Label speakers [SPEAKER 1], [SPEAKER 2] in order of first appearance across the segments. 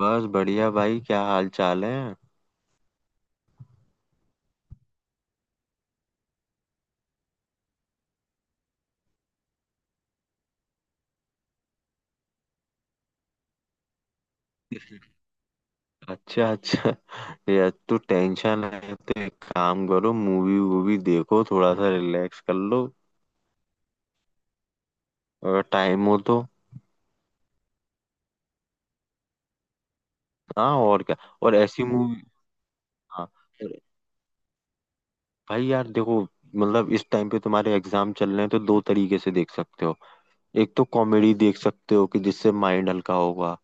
[SPEAKER 1] बस बढ़िया भाई। क्या हाल चाल है? अच्छा, अच्छा। ये तो टेंशन है, तो एक काम करो, मूवी वूवी देखो, थोड़ा सा रिलैक्स कर लो अगर टाइम हो तो। हाँ, और क्या? और ऐसी मूवी, हाँ। और भाई यार, देखो मतलब इस टाइम पे तुम्हारे एग्जाम चल रहे हैं, तो दो तरीके से देख सकते हो। एक तो कॉमेडी देख सकते हो कि जिससे माइंड हल्का होगा,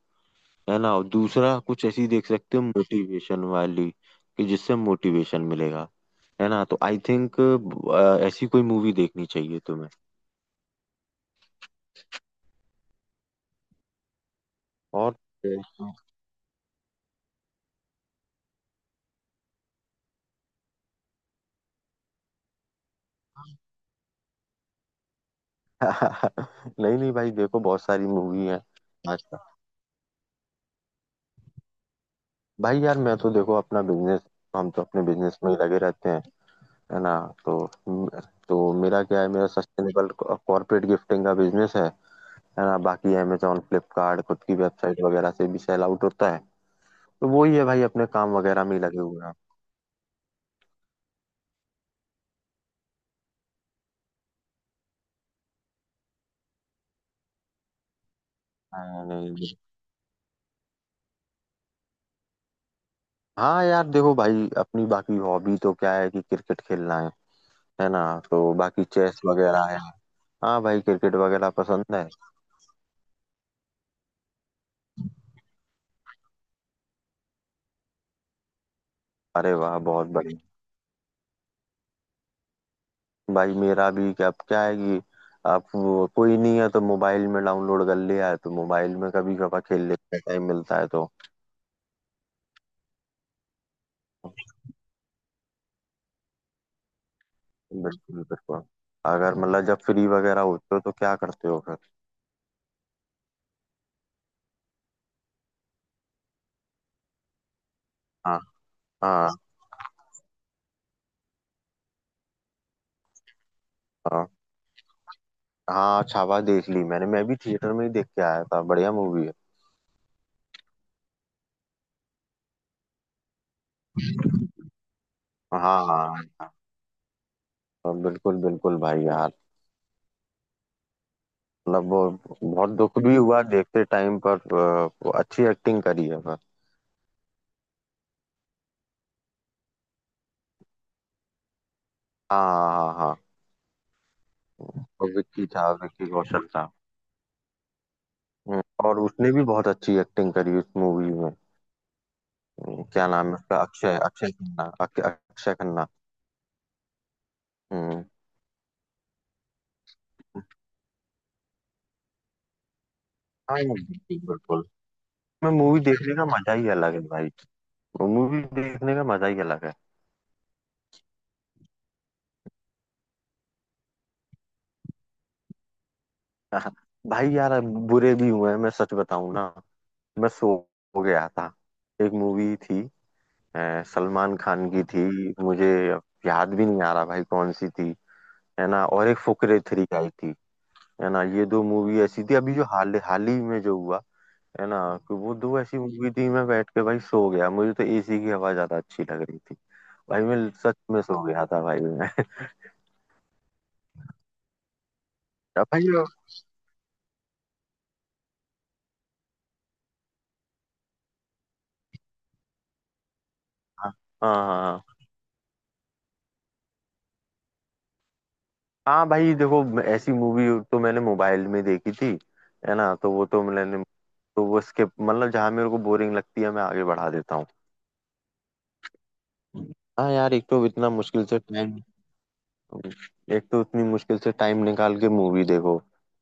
[SPEAKER 1] है ना। और दूसरा कुछ ऐसी देख सकते हो मोटिवेशन वाली, कि जिससे मोटिवेशन मिलेगा, है ना। तो आई थिंक ऐसी कोई मूवी देखनी चाहिए तुम्हें। और नहीं नहीं भाई, देखो बहुत सारी मूवी है आजकल। भाई यार, मैं तो देखो अपना बिजनेस, हम तो अपने बिजनेस में ही लगे रहते हैं, है ना। तो तो मेरा क्या है, मेरा सस्टेनेबल कॉर्पोरेट गिफ्टिंग का बिजनेस है ना। बाकी अमेजोन, फ्लिपकार्ट, खुद की वेबसाइट वगैरह से भी सेल आउट होता है। तो वही है भाई, अपने काम वगैरह में ही लगे हुए हैं। हाँ, नहीं नहीं। हाँ यार देखो भाई, अपनी बाकी हॉबी तो क्या है, कि क्रिकेट खेलना है ना। तो बाकी चेस वगैरह है। हाँ भाई, क्रिकेट वगैरह पसंद है। अरे वाह, बहुत बढ़िया। भाई मेरा भी क्या क्या है, कि कोई नहीं है तो मोबाइल में डाउनलोड कर लिया है, तो मोबाइल में कभी कभार खेल लेते हैं, टाइम मिलता है तो। बिल्कुल बिल्कुल। अगर मतलब जब फ्री वगैरह होते हो तो क्या करते हो फिर? हाँ हाँ हाँ। हाँ, छावा देख ली मैंने, मैं भी थिएटर में ही देख के आया था, बढ़िया मूवी है। हाँ हाँ। और बिल्कुल बिल्कुल भाई यार, मतलब वो बहुत दुख भी हुआ देखते टाइम पर वो अच्छी एक्टिंग करी है पर। हाँ हाँ हाँ। और विक्की था, विक्की कौशल था। और उसने भी बहुत अच्छी एक्टिंग करी उस मूवी में। क्या नाम है उसका? अक्षय, अक्षय खन्ना, अक्षय खन्ना। हम्म। हाँ बिल्कुल, बिल्कुल। मैं मूवी देखने का मजा ही अलग है भाई। मूवी देखने का मजा ही अलग है। हाँ, भाई यार अब बुरे भी हुए हैं, मैं सच बताऊं ना। मैं सो हो गया था। एक मूवी थी सलमान खान की थी, मुझे याद भी नहीं आ रहा भाई कौन सी थी, है ना। और एक फुकरे थ्री आई थी, है ना। ये दो मूवी ऐसी थी अभी जो हाल हाल ही में जो हुआ, है ना। कि वो दो ऐसी मूवी थी, मैं बैठ के भाई सो गया, मुझे तो एसी की हवा ज्यादा अच्छी लग रही थी। भाई मैं, सच में सो गया था भाई मैं। भाई। हाँ हाँ हाँ हाँ। भाई देखो ऐसी मूवी तो मैंने मोबाइल में देखी थी, है ना। तो वो तो मैंने तो वो स्किप, मतलब जहाँ मेरे को बोरिंग लगती है मैं आगे बढ़ा देता हूँ। हाँ यार, एक तो इतना मुश्किल से टाइम, एक तो इतनी मुश्किल से टाइम निकाल के मूवी देखो,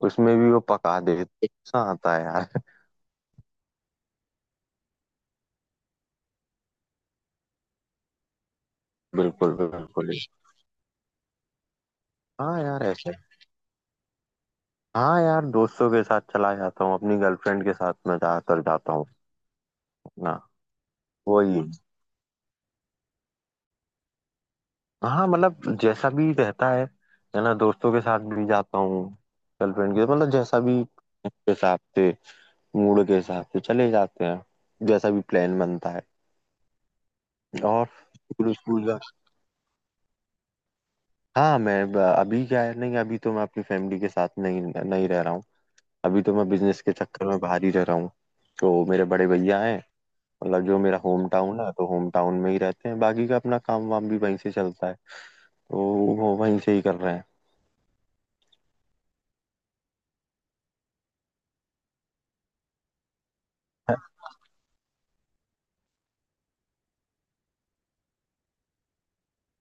[SPEAKER 1] उसमें भी वो पका देते, ऐसा आता है यार। बिल्कुल बिल्कुल। हाँ यार ऐसे, हाँ यार दोस्तों के साथ चला जाता हूँ, अपनी गर्लफ्रेंड के साथ मैं ज्यादातर जाता हूँ। ना वही, हाँ मतलब जैसा भी रहता है ना। दोस्तों के साथ भी जाता हूँ, गर्लफ्रेंड के, मतलब जैसा भी उसके हिसाब से, मूड के हिसाब से चले जाते हैं, जैसा भी प्लान बनता है। और स्कूल स्कूल का। हाँ, अभी क्या है, नहीं अभी तो मैं अपनी फैमिली के साथ नहीं नहीं रह रहा हूँ। अभी तो मैं बिजनेस के चक्कर में बाहर ही रह रहा हूँ। तो मेरे बड़े भैया हैं, मतलब जो मेरा होम टाउन है, तो होम टाउन में ही रहते हैं, बाकी का अपना काम वाम भी वहीं से चलता है। तो वो वहीं से ही कर रहे हैं।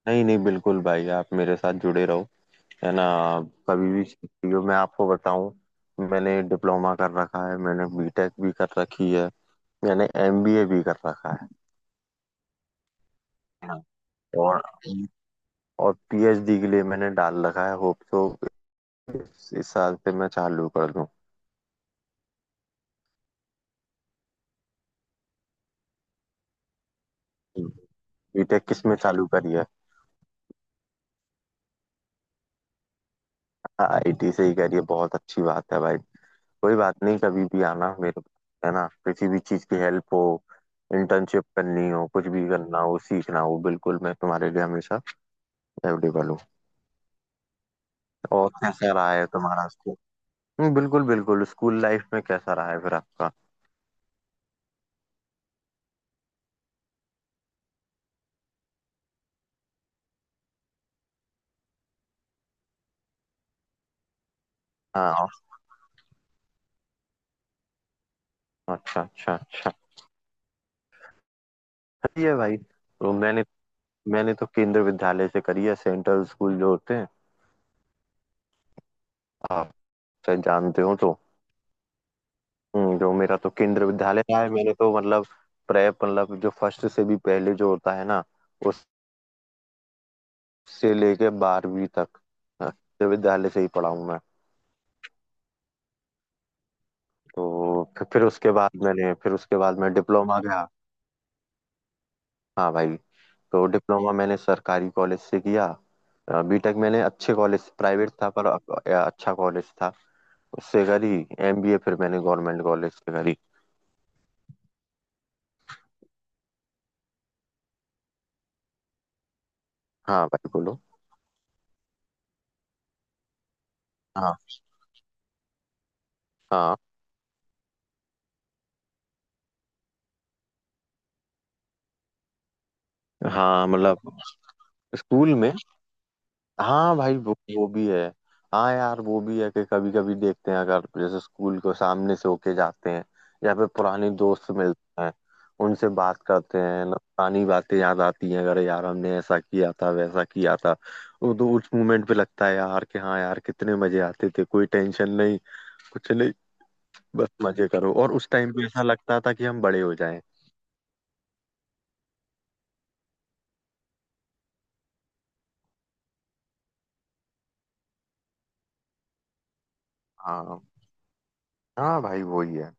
[SPEAKER 1] नहीं नहीं, बिल्कुल भाई, आप मेरे साथ जुड़े रहो, है ना। आप कभी भी सीखती हो, मैं आपको बताऊं। मैंने डिप्लोमा कर रखा है, मैंने बीटेक भी कर रखी है, मैंने एमबीए भी कर रखा है। हाँ। और और पीएचडी के लिए मैंने डाल रखा है, होप सो इस साल से मैं चालू कर दूं। बीटेक किस में चालू करी है? आईटी से ही करी है, बहुत अच्छी बात है भाई। कोई बात नहीं, कभी भी आना मेरे पास, है ना। किसी भी चीज की हेल्प हो, इंटर्नशिप करनी हो, कुछ भी करना हो, सीखना हो, बिल्कुल मैं तुम्हारे लिए हमेशा अवेलेबल हूँ। और कैसा रहा है तुम्हारा स्कूल? बिल्कुल बिल्कुल। स्कूल लाइफ में कैसा रहा है फिर आपका? हाँ। अच्छा अच्छा अच्छा। सही है भाई। तो मैंने, मैंने तो केंद्र विद्यालय से करी है, सेंट्रल स्कूल जो होते हैं आप शायद जानते हो तो। जो मेरा तो केंद्र विद्यालय रहा है, मैंने तो मतलब प्रेप, मतलब जो फर्स्ट से भी पहले जो होता है ना, से लेके 12वीं तक। हाँ, तो विद्यालय से ही पढ़ा हूँ मैं। तो फिर उसके बाद मैं डिप्लोमा गया। हाँ भाई। तो डिप्लोमा मैंने सरकारी कॉलेज से किया। बीटेक मैंने अच्छे कॉलेज, प्राइवेट था पर अच्छा कॉलेज था, उससे करी। एमबीए फिर मैंने गवर्नमेंट कॉलेज से करी। हाँ भाई बोलो। हाँ हाँ हाँ, मतलब स्कूल में। हाँ भाई वो भी है। हाँ यार वो भी है कि कभी कभी देखते हैं, अगर जैसे स्कूल के सामने से होके जाते हैं, या फिर पुराने दोस्त मिलते हैं, उनसे बात करते हैं ना, पुरानी बातें याद आती हैं, अगर यार हमने ऐसा किया था वैसा किया था। वो तो उस मोमेंट पे लगता है यार, कि हाँ यार कितने मजे आते थे, कोई टेंशन नहीं, कुछ नहीं, बस मजे करो। और उस टाइम पे ऐसा लगता था कि हम बड़े हो जाएं। हाँ, हाँ भाई वही है।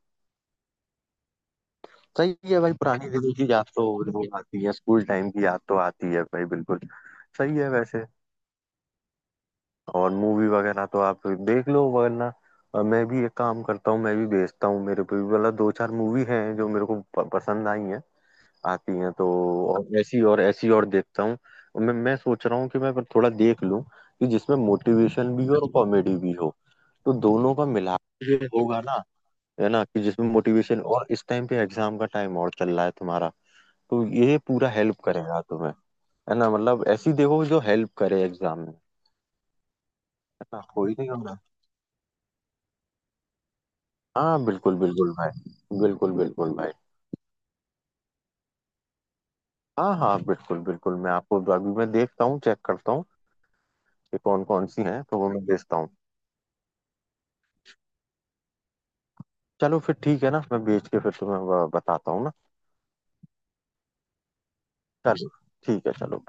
[SPEAKER 1] सही है भाई, पुरानी दिनों की याद तो वो आती है, स्कूल टाइम की याद तो आती है भाई, बिल्कुल सही है वैसे। और मूवी वगैरह तो आप देख लो, वरना मैं भी एक काम करता हूँ, मैं भी भेजता हूँ, मेरे पे भी मतलब दो चार मूवी हैं जो मेरे को पसंद आई हैं, आती हैं तो। और ऐसी और देखता हूँ, मैं सोच रहा हूँ कि मैं थोड़ा देख लूँ, कि जिसमें मोटिवेशन भी हो और कॉमेडी भी हो। तो दोनों का मिला जो होगा ना, है ना। कि जिसमें मोटिवेशन, और इस टाइम पे एग्जाम का टाइम और चल रहा है तुम्हारा, तो ये पूरा हेल्प करेगा तुम्हें, है ना। मतलब ऐसी देखो जो हेल्प करे एग्जाम में, है ना, कोई नहीं होगा। हाँ बिल्कुल बिल्कुल भाई, बिल्कुल बिल्कुल भाई। हाँ हाँ, बिल्कुल बिल्कुल, मैं आपको अभी, मैं देखता हूँ, चेक करता हूँ कि कौन कौन सी हैं, तो वो मैं भेजता हूँ। चलो फिर ठीक है ना, मैं बेच के फिर तुम्हें बताता हूँ ना। चलो, ठीक है, चलो।